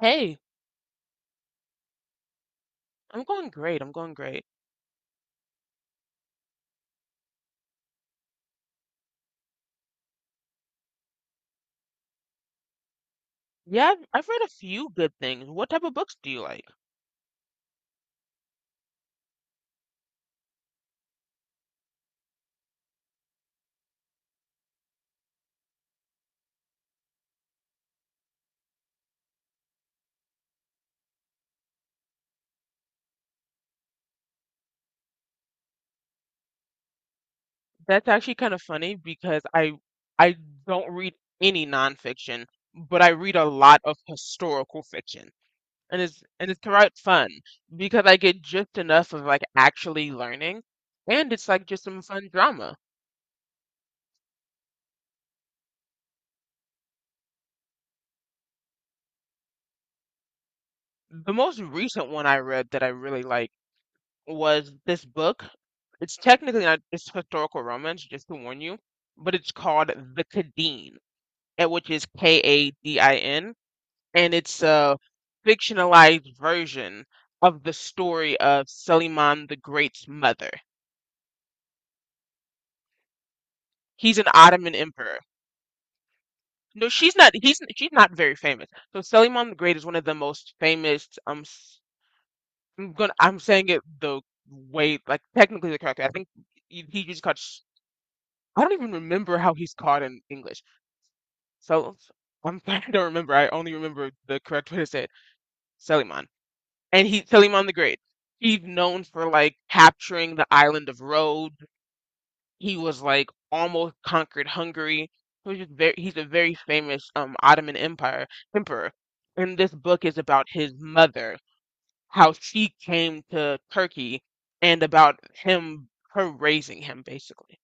Hey, I'm going great. I'm going great. Yeah, I've read a few good things. What type of books do you like? That's actually kind of funny because I don't read any nonfiction, but I read a lot of historical fiction. And it's quite fun because I get just enough of like actually learning, and it's like just some fun drama. The most recent one I read that I really like was this book. It's technically not, it's historical romance, just to warn you, but it's called The Cadeen, and which is Kadin, and it's a fictionalized version of the story of Suleiman the Great's mother. He's an Ottoman emperor. No, she's not. He's she's not very famous. So Suleiman the Great is one of the most famous. S- I'm gonna. I'm saying it the way like technically the correct way. I think he I don't even remember how he's called in English. So I'm I don't remember. I only remember the correct way to say it. Suleiman. And he Salim on the Great. He's known for like capturing the island of Rhodes. He was like almost conquered Hungary. He's a very famous Ottoman Empire emperor. And this book is about his mother, how she came to Turkey, and about him, her raising him basically.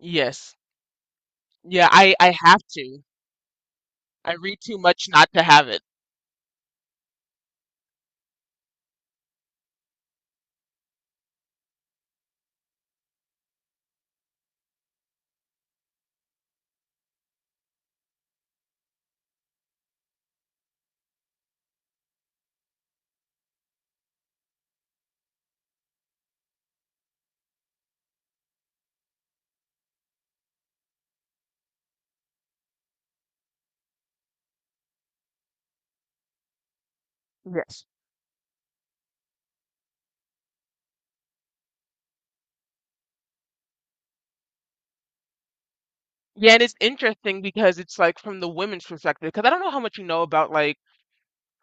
Yes. Yeah, I have to. I read too much not to have it. Yes. Yeah, and it's interesting because it's like from the women's perspective, because I don't know how much you know about like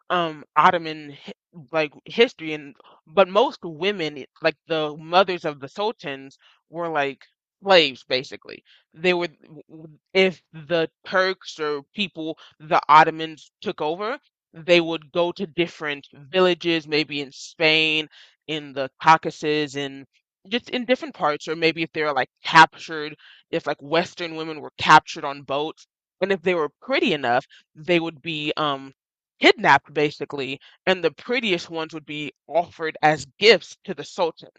Ottoman like history. And but most women like the mothers of the sultans were like slaves basically. They if the Turks or people the Ottomans took over, they would go to different villages, maybe in Spain, in the Caucasus, in different parts, or maybe if they were like captured, if like Western women were captured on boats, and if they were pretty enough, they would be kidnapped basically, and the prettiest ones would be offered as gifts to the Sultan.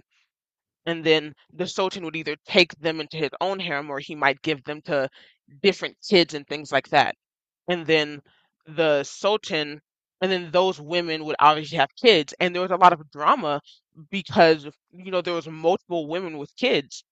And then the Sultan would either take them into his own harem, or he might give them to different kids and things like that. And then the Sultan, and then those women would obviously have kids. And there was a lot of drama because there was multiple women with kids,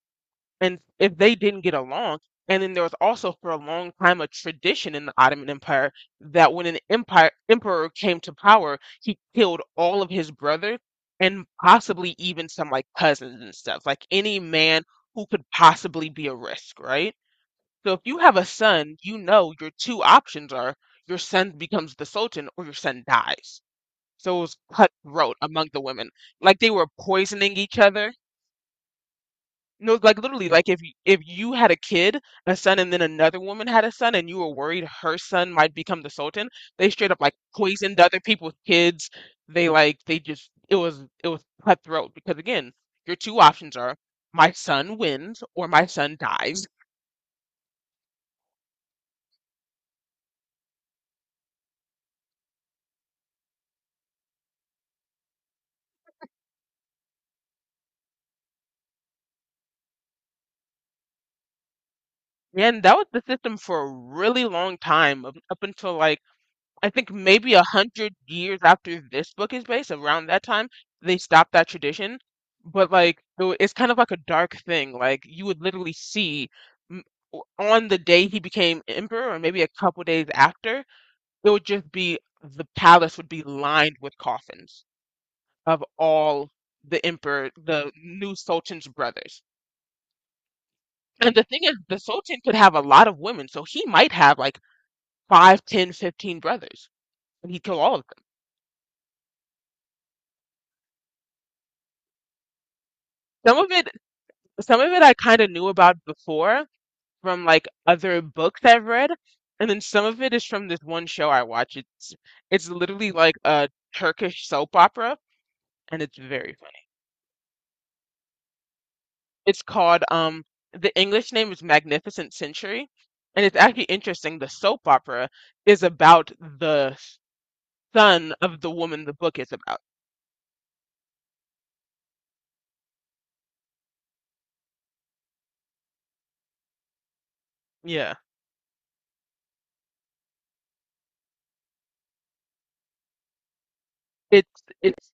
and if they didn't get along. And then there was also for a long time a tradition in the Ottoman Empire that when an empire emperor came to power, he killed all of his brothers, and possibly even some like cousins and stuff, like any man who could possibly be a risk, right? So if you have a son, your two options are your son becomes the sultan or your son dies. So it was cutthroat among the women, like they were poisoning each other. No, like literally, like if you had a kid, a son, and then another woman had a son, and you were worried her son might become the Sultan, they straight up like poisoned other people's kids. They like they just It was cutthroat because again, your two options are my son wins or my son dies, and that was the system for a really long time up until, like, I think maybe a hundred years after this book is based, around that time, they stopped that tradition. But like, though, it's kind of like a dark thing. Like, you would literally see m- on the day he became emperor, or maybe a couple days after, it would just be the palace would be lined with coffins of all the emperor, the new Sultan's brothers. And the thing is, the Sultan could have a lot of women, so he might have like five, 10, 15 brothers, and he'd kill all of them. Some of it Some of it I kind of knew about before from like other books I've read, and then some of it is from this one show I watch. It's literally like a Turkish soap opera, and it's very funny. It's called the English name is Magnificent Century, and it's actually interesting. The soap opera is about the son of the woman the book is about. Yeah. It's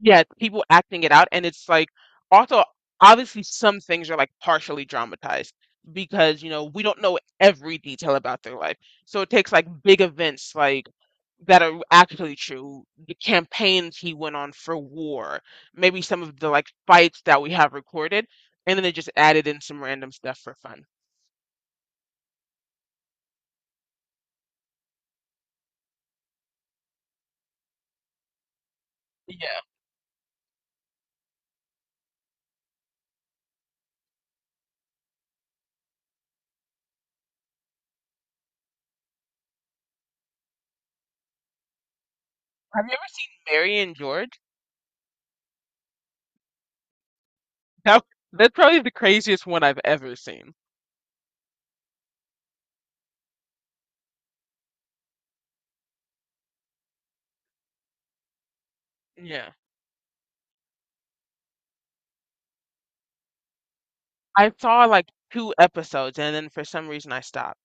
Yeah, people acting it out, and it's like also obviously some things are like partially dramatized because, you know, we don't know every detail about their life. So it takes like big events, like that are actually true, the campaigns he went on for war, maybe some of the like fights that we have recorded, and then they just added in some random stuff for fun. Yeah. Have you ever seen Mary and George? That, that's probably the craziest one I've ever seen. Yeah. I saw like 2 episodes and then for some reason I stopped.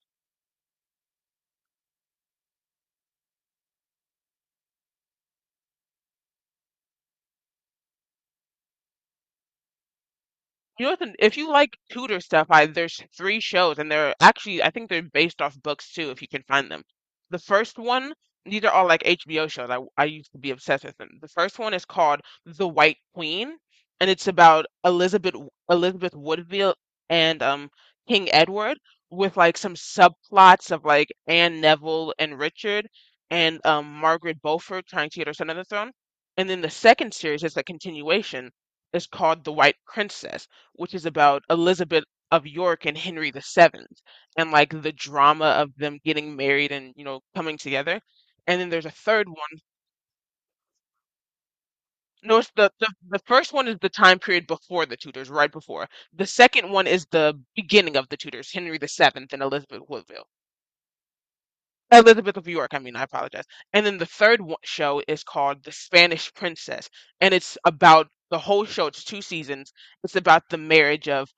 You know what, if you like Tudor stuff, I there's three shows, and they're actually, I think, they're based off books too, if you can find them. The first one, these are all like HBO shows. I used to be obsessed with them. The first one is called The White Queen, and it's about Elizabeth Woodville and King Edward, with like some subplots of like Anne Neville and Richard, and Margaret Beaufort trying to get her son on the throne. And then the second series is a continuation. It's called The White Princess, which is about Elizabeth of York and Henry the Seventh, and like the drama of them getting married and coming together. And then there's a third one. No, it's the first one is the time period before the Tudors, right before. The second one is the beginning of the Tudors, Henry the Seventh and Elizabeth Woodville. Elizabeth of York, I mean, I apologize. And then the third show is called The Spanish Princess, and it's about the whole show. It's two seasons. It's about the marriage of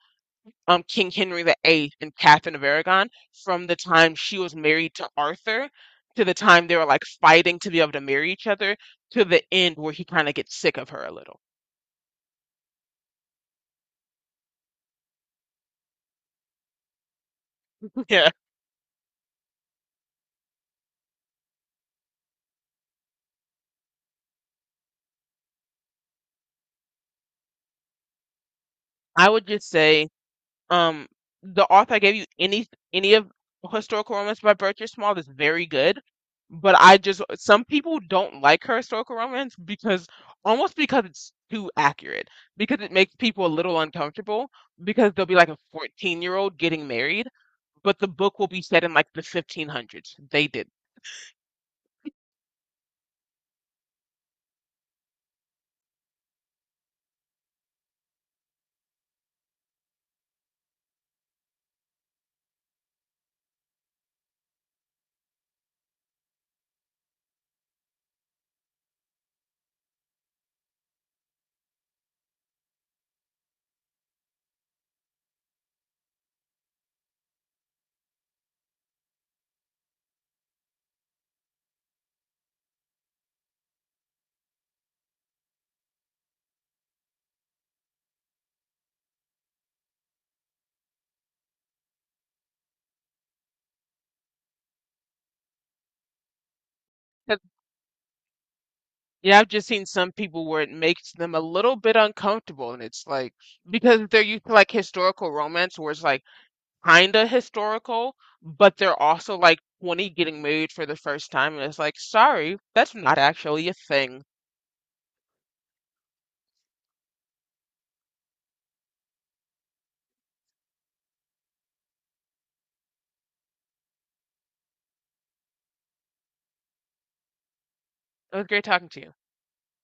King Henry the Eighth and Catherine of Aragon, from the time she was married to Arthur, to the time they were like fighting to be able to marry each other, to the end where he kind of gets sick of her a little. Yeah. I would just say, Um, the author I gave you, any of historical romance by Bertrand Small is very good, but I just, some people don't like her historical romance because, almost because it's too accurate, because it makes people a little uncomfortable, because they'll be like a 14-year-old getting married, but the book will be set in like the 1500s. They did. 'Cause- Yeah, I've just seen some people where it makes them a little bit uncomfortable, and it's like because they're used to like historical romance where it's like kinda historical, but they're also like 20 getting married for the first time, and it's like, sorry, that's not actually a thing. It was great talking to you.